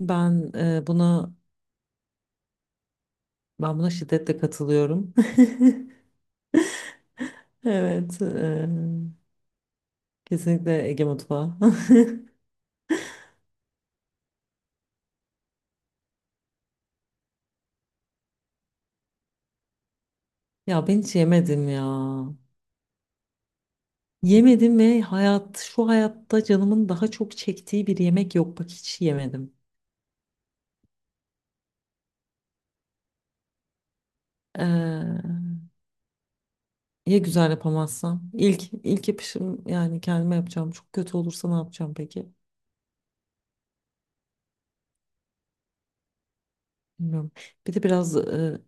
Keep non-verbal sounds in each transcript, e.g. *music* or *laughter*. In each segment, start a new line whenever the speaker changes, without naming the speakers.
Buna buna şiddetle katılıyorum. *laughs* Evet, kesinlikle Ege mutfağı. *laughs* Ya ben hiç yemedim ya. Yemedim ve hayat şu hayatta canımın daha çok çektiği bir yemek yok. Bak hiç yemedim. Ee, ya güzel yapamazsam? İlk yapışım yani kendime yapacağım. Çok kötü olursa ne yapacağım peki? Bilmiyorum. Bir de biraz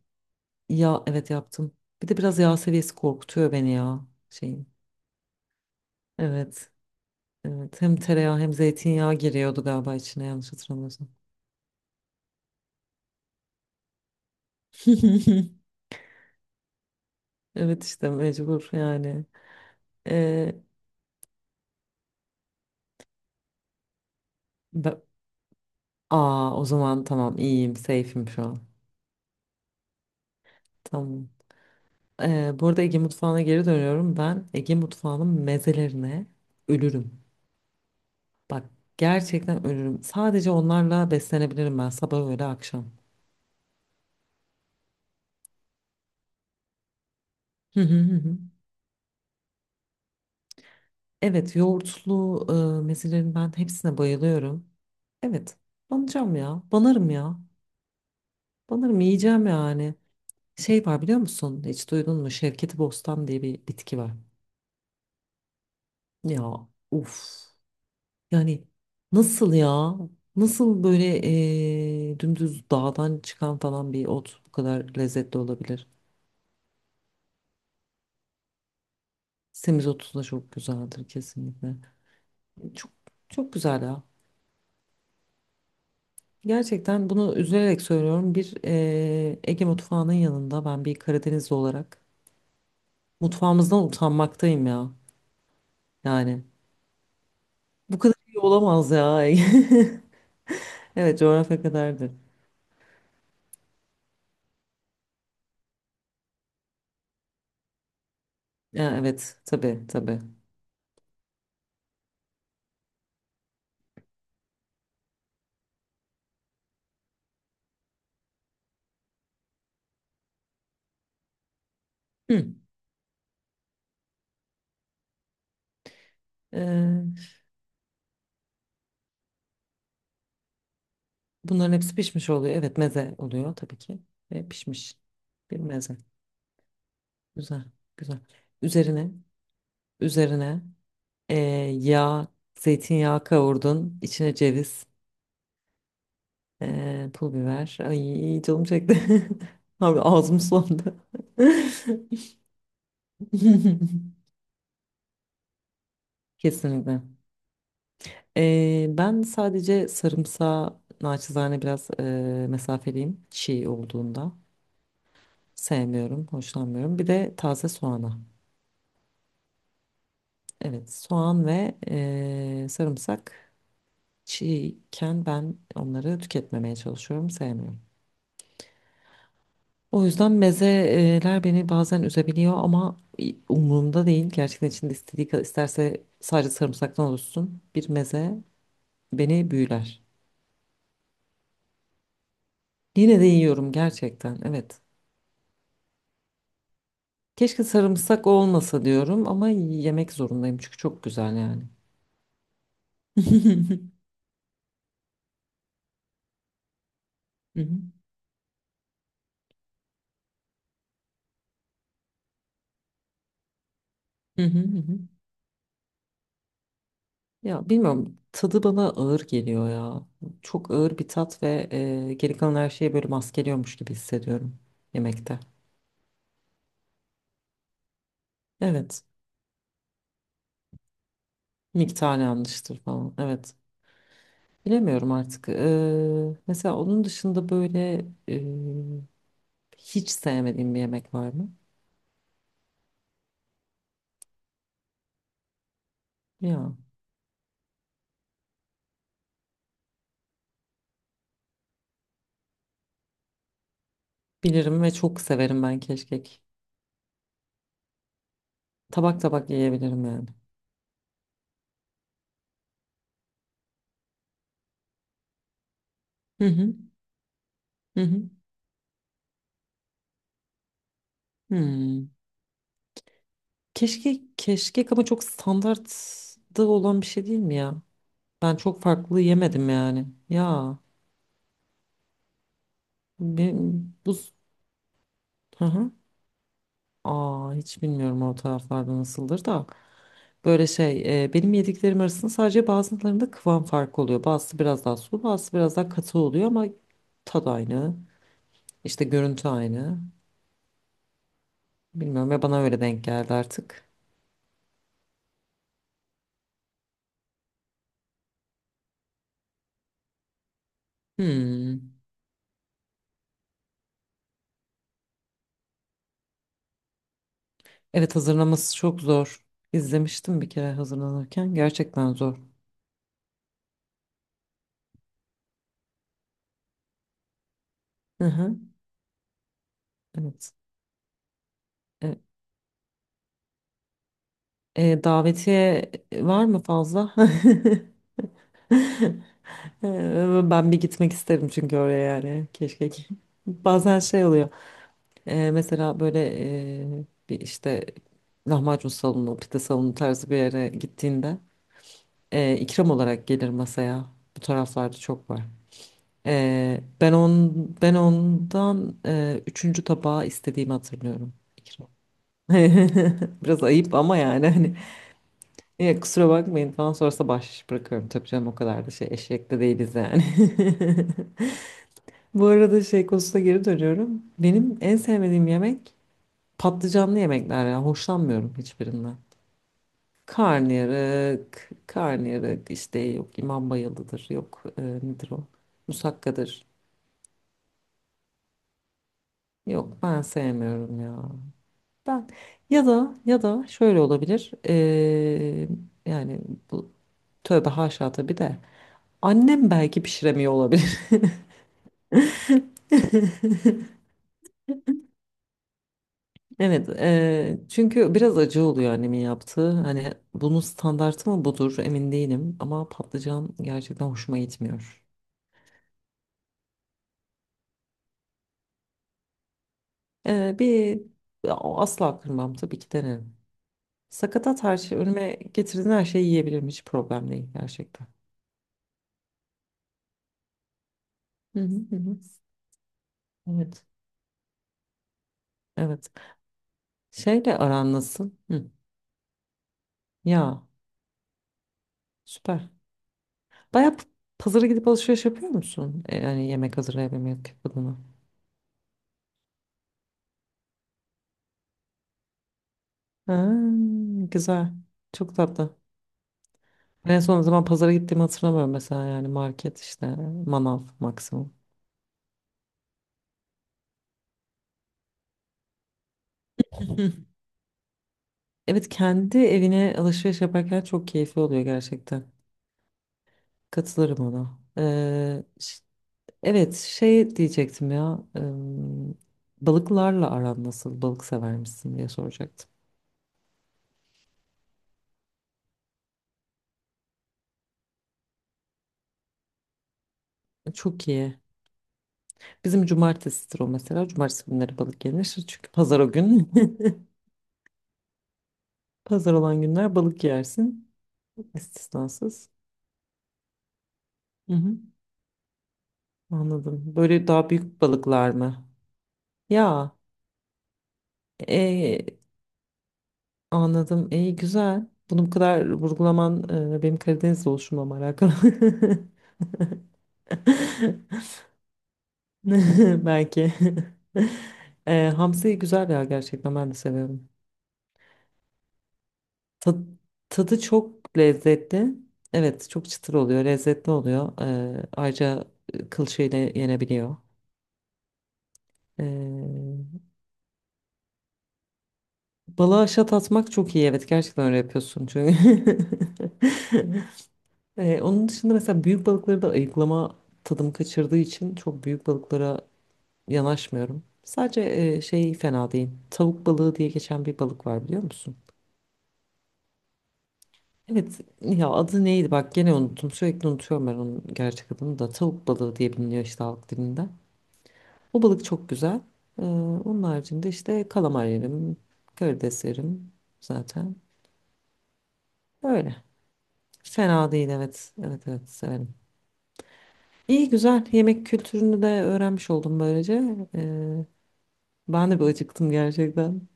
yağ evet yaptım. Bir de biraz yağ seviyesi korkutuyor beni ya şeyin. Evet. Evet, hem tereyağı hem zeytinyağı giriyordu galiba içine yanlış hatırlamıyorsam. *laughs* Evet işte mecbur yani. Ee, be- Aa o zaman tamam iyiyim, safe'im şu an. Tamam. Bu arada Ege mutfağına geri dönüyorum. Ben Ege mutfağının mezelerine ölürüm. Bak gerçekten ölürüm. Sadece onlarla beslenebilirim ben sabah öğle akşam. Hı hı hı hı. Evet yoğurtlu mezelerin ben hepsine bayılıyorum. Evet banacağım ya banarım ya. Sanırım yiyeceğim yani. Şey var biliyor musun? Hiç duydun mu? Şevketi Bostan diye bir bitki var. Ya uf. Yani nasıl ya? Nasıl böyle dümdüz dağdan çıkan falan bir ot bu kadar lezzetli olabilir? Semizotu da çok güzeldir kesinlikle. Çok çok güzel ya. Gerçekten bunu üzülerek söylüyorum. Bir Ege mutfağının yanında ben bir Karadenizli olarak mutfağımızdan utanmaktayım ya. Yani bu kadar iyi olamaz ya. *laughs* Evet, coğrafya kadardı. Ya, evet, tabii tabii. Hı. Ee, bunların hepsi pişmiş oluyor. Evet, meze oluyor tabii ki. Ve pişmiş bir meze. Güzel, güzel. Üzerine, üzerine ee, yağ, zeytinyağı kavurdun. İçine ceviz, pul biber. Ay canım çekti. *laughs* Abi ağzım sulandı. *laughs* Kesinlikle. Ben sadece sarımsağı naçizane biraz mesafeliyim çiğ olduğunda. Sevmiyorum, hoşlanmıyorum. Bir de taze soğana. Evet, soğan ve sarımsak çiğken ben onları tüketmemeye çalışıyorum, sevmiyorum. O yüzden mezeler beni bazen üzebiliyor ama umurumda değil. Gerçekten içinde istediği kadar isterse sadece sarımsaktan oluşsun. Bir meze beni büyüler. Yine de yiyorum gerçekten, evet. Keşke sarımsak olmasa diyorum ama yemek zorundayım çünkü çok güzel yani. *laughs* Hı hı, hı hı, hı hı. Ya bilmiyorum tadı bana ağır geliyor ya. Çok ağır bir tat ve geri kalan her şeyi böyle maskeliyormuş gibi hissediyorum yemekte. Evet miktar yanlıştır falan evet. Bilemiyorum artık. Mesela onun dışında böyle hiç sevmediğim bir yemek var mı? Ya bilirim ve çok severim ben keşkek. Tabak tabak yiyebilirim yani. Hı hı. Hı hı. Hmm. Keşke keşkek ama çok standartta olan bir şey değil mi ya? Ben çok farklı yemedim yani. Ya benim bu hı hı. Aa hiç bilmiyorum o taraflarda nasıldır da. Böyle şey benim yediklerim arasında sadece bazılarında kıvam farkı oluyor. Bazısı biraz daha sulu, bazısı biraz daha katı oluyor ama tad aynı. İşte görüntü aynı. Bilmiyorum ya bana öyle denk geldi artık. Hmm. Evet hazırlaması çok zor. İzlemiştim bir kere hazırlanırken. Gerçekten zor. Hı hı. Evet. E, davetiye var mı fazla? *laughs* Ben bir gitmek isterim çünkü oraya yani keşke ki. *laughs* Bazen şey oluyor. Mesela böyle bir işte lahmacun salonu, pide salonu tarzı bir yere gittiğinde ikram olarak gelir masaya. Bu taraflarda çok var. Ben on ben ondan üçüncü tabağı istediğimi hatırlıyorum. İkram. *laughs* Biraz ayıp ama yani hani "Ya kusura bakmayın falan sonrasında bahşiş bırakıyorum. Tabii canım o kadar da şey eşek de değiliz yani. *laughs* Bu arada şey konusuna geri dönüyorum. Benim en sevmediğim yemek patlıcanlı yemekler ya. Hoşlanmıyorum hiçbirinden. Karnıyarık işte yok imam bayıldıdır yok nedir o? Musakkadır. Yok ben sevmiyorum ya. Ben ya da şöyle olabilir. Yani bu tövbe haşa tabii de annem belki pişiremiyor olabilir. Evet, çünkü biraz acı oluyor annemin yaptığı. Hani bunun standartı mı budur emin değilim ama patlıcan gerçekten hoşuma gitmiyor. Bir Asla kırmam tabii ki denerim. Sakatat her şey önüme getirdiğin her şeyi yiyebilirim hiç problem değil gerçekten. Hı hı hı. hı. Evet, evet. Şeyle aran nasıl? Hı. Ya süper. Bayağı p- Pazara gidip alışveriş yapıyor musun? Yani yemek hazırlayabilmek adına. Ha, güzel. Çok tatlı. En son o zaman pazara gittiğimi hatırlamıyorum mesela yani market işte manav maksimum. *laughs* Evet kendi evine alışveriş yaparken çok keyifli oluyor gerçekten. Katılırım ona. Evet şey diyecektim ya balıklarla aran nasıl balık sever misin diye soracaktım. Çok iyi. Bizim cumartesidir o mesela. Cumartesi günleri balık yenir. Çünkü pazar o gün. *laughs* Pazar olan günler balık yersin. İstisnasız. Hı hı. Anladım. Böyle daha büyük balıklar mı? Ya e, anladım. İyi güzel. Bunu bu kadar vurgulaman benim Karadeniz oluşumla alakalı. *laughs* Belki. Hamsi güzel ya gerçekten ben de seviyorum. Ta- Tadı çok lezzetli. Evet çok çıtır oluyor. Lezzetli oluyor. Ayrıca kılçığı ile yenebiliyor. E, balığa şat atmak çok iyi. Evet gerçekten öyle yapıyorsun çünkü. *laughs* Onun dışında mesela büyük balıkları da ayıklama tadım kaçırdığı için çok büyük balıklara yanaşmıyorum. Sadece şey fena değil. Tavuk balığı diye geçen bir balık var biliyor musun? Evet ya adı neydi bak gene unuttum. Sürekli unutuyorum ben onun gerçek adını da. Tavuk balığı diye biliniyor işte halk dilinde. O balık çok güzel. Ee, onun haricinde işte kalamar yerim, karides yerim zaten. Öyle. Fena değil evet. Evet evet severim. İyi güzel yemek kültürünü de öğrenmiş oldum böylece. Ben de bir acıktım gerçekten.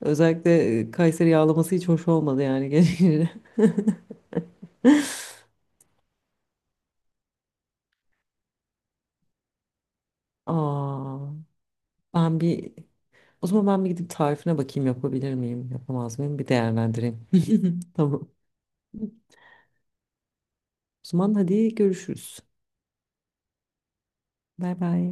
Özellikle Kayseri yağlaması hiç hoş olmadı yani *laughs* gene. Aa, ben bir o zaman ben bir gidip tarifine bakayım yapabilir miyim, yapamaz mıyım bir değerlendireyim. *laughs* Tamam. O zaman hadi görüşürüz. Bay bay.